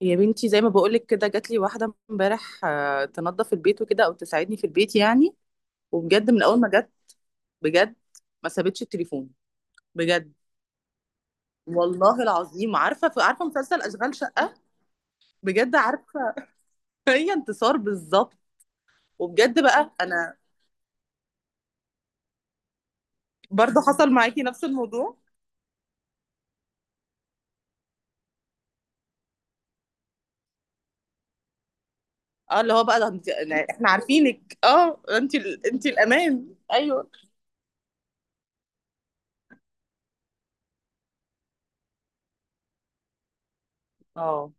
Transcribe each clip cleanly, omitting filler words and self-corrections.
يا بنتي، زي ما بقولك كده جات لي واحدة امبارح تنظف البيت وكده أو تساعدني في البيت يعني. وبجد من أول ما جت بجد ما سابتش التليفون. بجد والله العظيم. عارفة عارفة مسلسل أشغال شقة؟ بجد عارفة. هي انتصار بالظبط. وبجد بقى أنا برضه حصل معاكي نفس الموضوع. اه، اللي هو بقى ده يعني احنا عارفينك، اه انت انت الأمان، أيوه. اه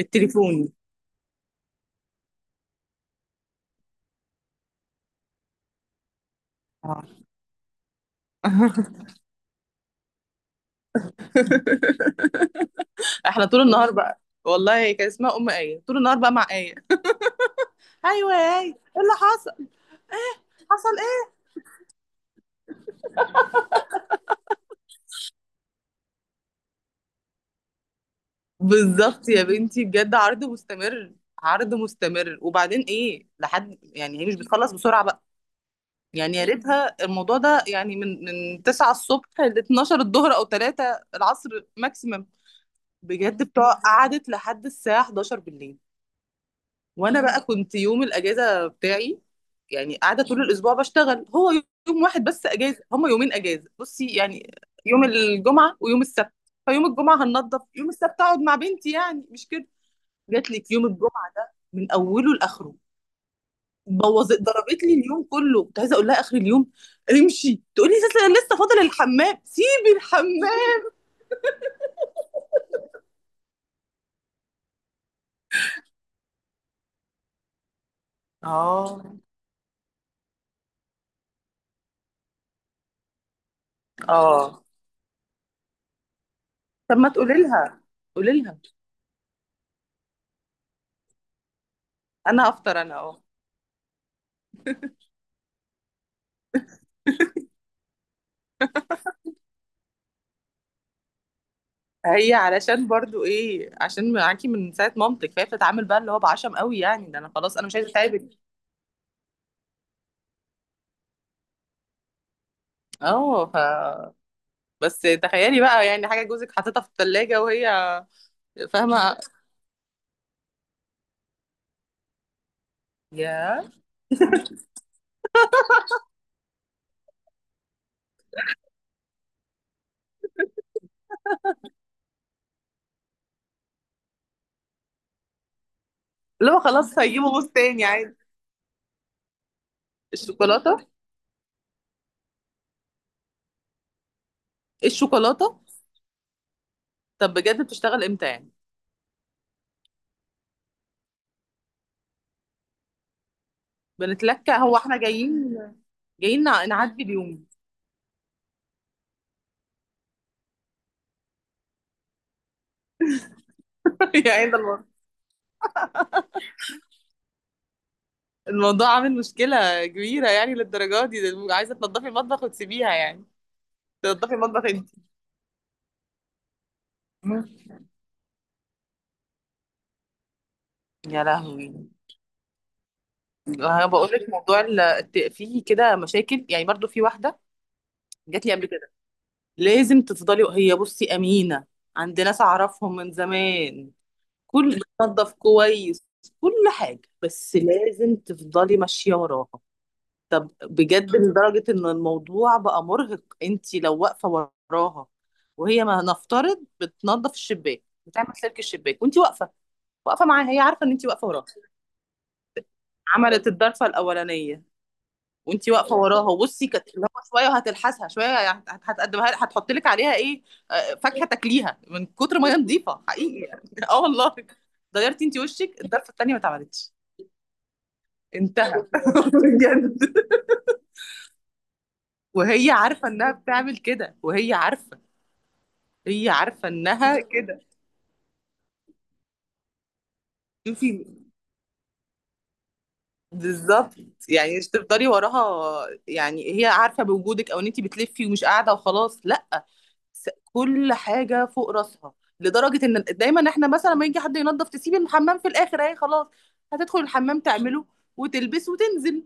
التليفون. اه. احنا طول النهار بقى والله كان اسمها ام ايه طول النهار بقى مع ايه. ايوه يا ايه، ايه اللي حصل؟ حصل ايه؟ بالظبط يا بنتي بجد، عرض مستمر. عرض مستمر، وبعدين ايه لحد يعني، هي مش بتخلص بسرعه بقى. يعني يا ريتها الموضوع ده يعني من 9 الصبح ل 12 الظهر او 3 العصر ماكسيمم. بجد بتوع قعدت لحد الساعه 11 بالليل. وانا بقى كنت يوم الاجازه بتاعي، يعني قاعده طول الاسبوع بشتغل هو. يوم واحد بس اجازه، هما يومين اجازه بصي يعني، يوم الجمعه ويوم السبت. فيوم الجمعه هننضف، يوم السبت اقعد مع بنتي يعني، مش كده؟ جات لك يوم الجمعه ده من اوله لاخره. بوظت، ضربت لي اليوم كله. كنت عايزه اقول لها اخر اليوم امشي، تقولي لسه لسه فاضل الحمام، سيبي الحمام. اه. اه طب ما تقولي لها، قولي لها انا افطر انا. اه هي علشان برضو ايه، عشان معاكي من ساعه مامتك، فهي بتتعامل بقى اللي هو بعشم قوي يعني، ده انا خلاص انا مش عايزه اتعبك. اه بس تخيلي بقى يعني حاجه جوزك حاططها في الثلاجه وهي. فاهمه. يا اللي هو خلاص هيجيبه بوس تاني عادي. الشوكولاته، الشوكولاته. طب بجد بتشتغل امتى يعني؟ بنتلكى هو احنا جايين، جايين نعدي اليوم. يعني ده الموضوع. الموضوع عامل مشكلة كبيرة يعني للدرجة دي، ده عايزة تنضفي المطبخ وتسيبيها يعني؟ تنضفي المطبخ؟ انت يا لهوي. انا بقول لك موضوع فيه كده مشاكل يعني، برضو في واحده جات لي قبل كده. لازم تفضلي، هي بصي امينه، عند ناس اعرفهم من زمان، كل بتنظف كويس، كل حاجه، بس لازم تفضلي ماشيه وراها. طب بجد لدرجه ان الموضوع بقى مرهق. انت لو واقفه وراها وهي ما نفترض بتنظف الشباك، بتعمل سلك الشباك وانت واقفه، واقفه معاها، هي عارفه ان انت واقفه وراها. عملت الضرفه الاولانيه وانت واقفه وراها، وبصي كانت اللي هو شويه وهتلحسها شويه يعني، هتقدمها، هتحط لك عليها ايه؟ فاكهه تاكليها من كتر ما هي نظيفه، حقيقي يعني. اه والله. غيرتي انت وشك الضرفه التانيه ما اتعملتش. انتهى. بجد. وهي عارفه انها بتعمل كده وهي عارفه. هي عارفه انها كده. شوفي. بالظبط، يعني مش تفضلي وراها، يعني هي عارفه بوجودك او ان انت بتلفي ومش قاعده وخلاص، لا. كل حاجه فوق راسها. لدرجه ان دايما احنا مثلا لما يجي حد ينظف تسيب الحمام في الاخر، اهي خلاص هتدخل الحمام تعمله وتلبس وتنزل.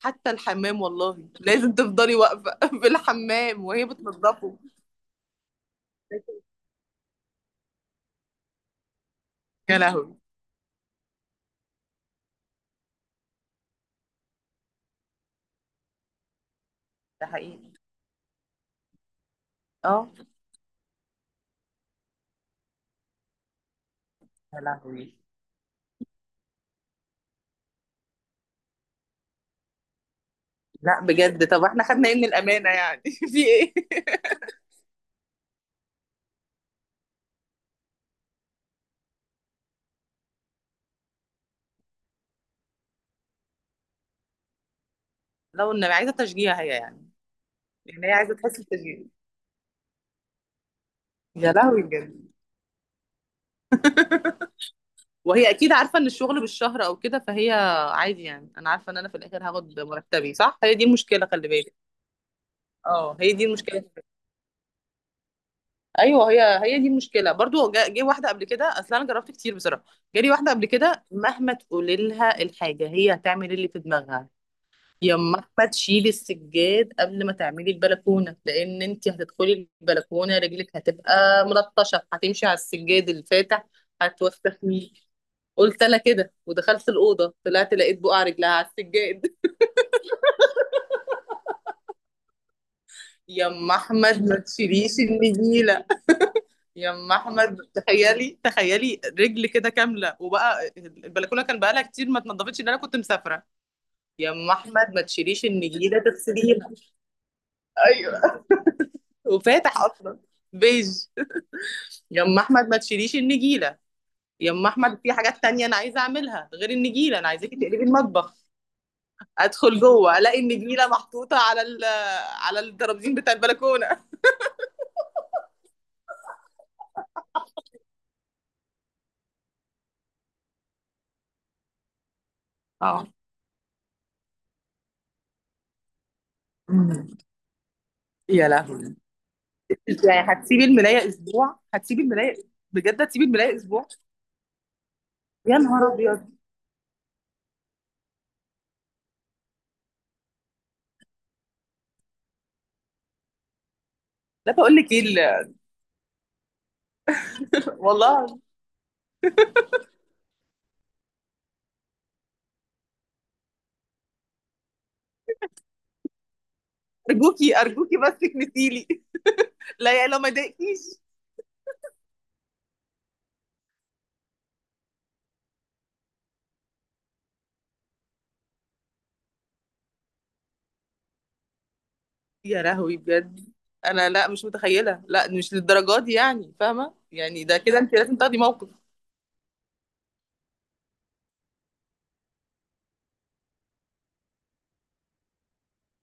حتى الحمام والله لازم تفضلي واقفه في الحمام وهي بتنظفه. يا لهوي. ده حقيقي. اه. يا لهوي. لا بجد طب احنا خدنا ايه من الامانه يعني؟ في ايه. لو ان عايزه تشجيع هي يعني. يعني هي عايزه تحس بتشجيع. يا لهوي بجد. وهي اكيد عارفه ان الشغل بالشهر او كده، فهي عادي يعني، انا عارفه ان انا في الاخر هاخد مرتبي صح، هي دي المشكله خلي بالك. اه هي دي المشكله. ايوه هي دي المشكله برضو. جه واحده قبل كده، اصل انا جربت كتير بصراحه. جالي واحده قبل كده، مهما تقولي لها الحاجه هي هتعمل إيه اللي في دماغها. يما احمد تشيلي السجاد قبل ما تعملي البلكونه، لان انت هتدخلي البلكونه رجلك هتبقى ملطشه، هتمشي على السجاد الفاتح. هتوسخ مين؟ قلت انا كده ودخلت الاوضه، طلعت لقيت بقع رجلها على السجاد. يما احمد ما تشيليش النجيله. يما احمد تخيلي، تخيلي رجل كده كامله، وبقى البلكونه كان بقالها كتير ما اتنضفتش ان انا كنت مسافره. يما احمد ما تشيليش النجيله تغسليها. ايوه وفاتح اصلا، بيج. يا ام احمد ما تشيليش النجيله. يا ام احمد في حاجات تانية انا عايزه اعملها غير النجيله، انا عايزاكي تقلبي المطبخ. ادخل جوه الاقي النجيله محطوطه على على الترابيزين بتاع البلكونه. اه. مم. يا لهوي. يعني هتسيبي الملايه اسبوع؟ هتسيبي الملايه؟ بجد هتسيبي الملايه اسبوع؟ يا نهار ابيض. لا بقول لك ايه والله. ارجوكي، ارجوكي بس تكنسيلي. لا يا لا ما ضايقكيش. يا لهوي بجد. انا لا مش متخيله، لا مش للدرجات دي يعني، فاهمه يعني، ده كده انت لازم تاخدي موقف.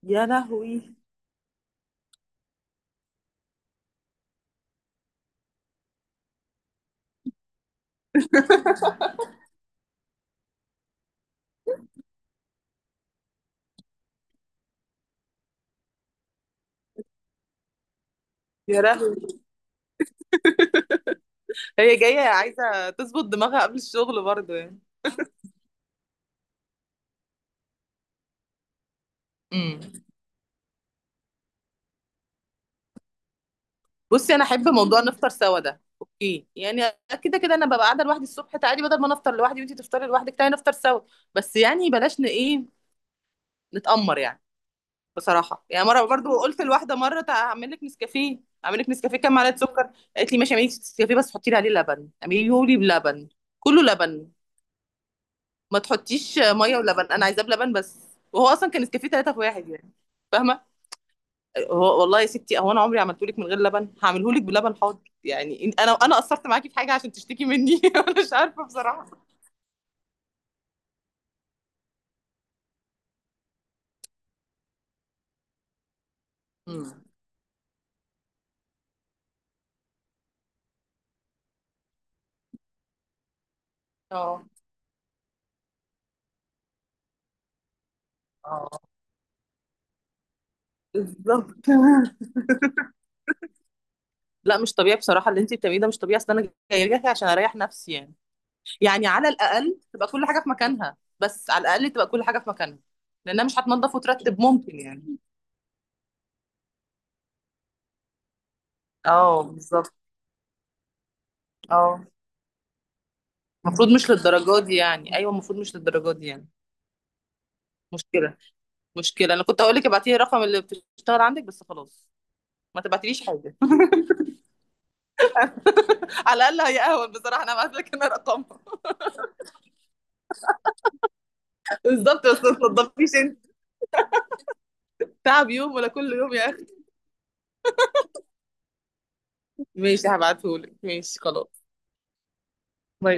يا لهوي. يا لهوي. هي جايه عايزه تظبط دماغها قبل الشغل برضه يعني. امم. بصي انا احب موضوع نفطر سوا ده اوكي يعني، كده كده انا ببقى قاعده لوحدي الصبح، تعالي بدل ما نفطر لوحدي وانتي تفطري لوحدك تعالي نفطر سوا، بس يعني بلاش ايه، نتأمر يعني. بصراحه يعني مره برضو قلت لواحده مره هعمل لك نسكافيه. هعمل لك نسكافيه كام معلقه سكر؟ قالت لي ماشي، اعملي لي نسكافيه بس حطي لي عليه لبن، اعمليه لي بلبن، كله لبن، ما تحطيش ميه ولبن، انا عايزاه بلبن بس. وهو اصلا كان نسكافيه ثلاثه في واحد يعني، فاهمه. هو والله يا ستي هو انا عمري عملته لك من غير لبن؟ هعمله لك بلبن، حاضر يعني. انا قصرت معاكي في حاجه عشان تشتكي مني؟ انا مش عارفه بصراحه. مم. اه. اه بالظبط. لا مش طبيعي بصراحه، اللي انت بتعمليه ده مش طبيعي، اصل انا جايه لك عشان اريح نفسي يعني، يعني على الاقل تبقى كل حاجه في مكانها، بس على الاقل تبقى كل حاجه في مكانها. لانها مش هتنضف وترتب ممكن يعني. اه بالظبط. اه. المفروض مش للدرجه دي يعني، ايوه المفروض مش للدرجه دي يعني. مشكله. مشكله انا كنت هقول لك ابعتي لي الرقم اللي بتشتغل عندك، بس خلاص ما تبعتليش حاجه. على الاقل هي اهون بصراحه، انا ابعت لك انا رقمها. بالظبط بس ما تنضفيش انت، تعب يوم ولا كل يوم يا اخي. ماشي هبعتهولك، ماشي خلاص. باي.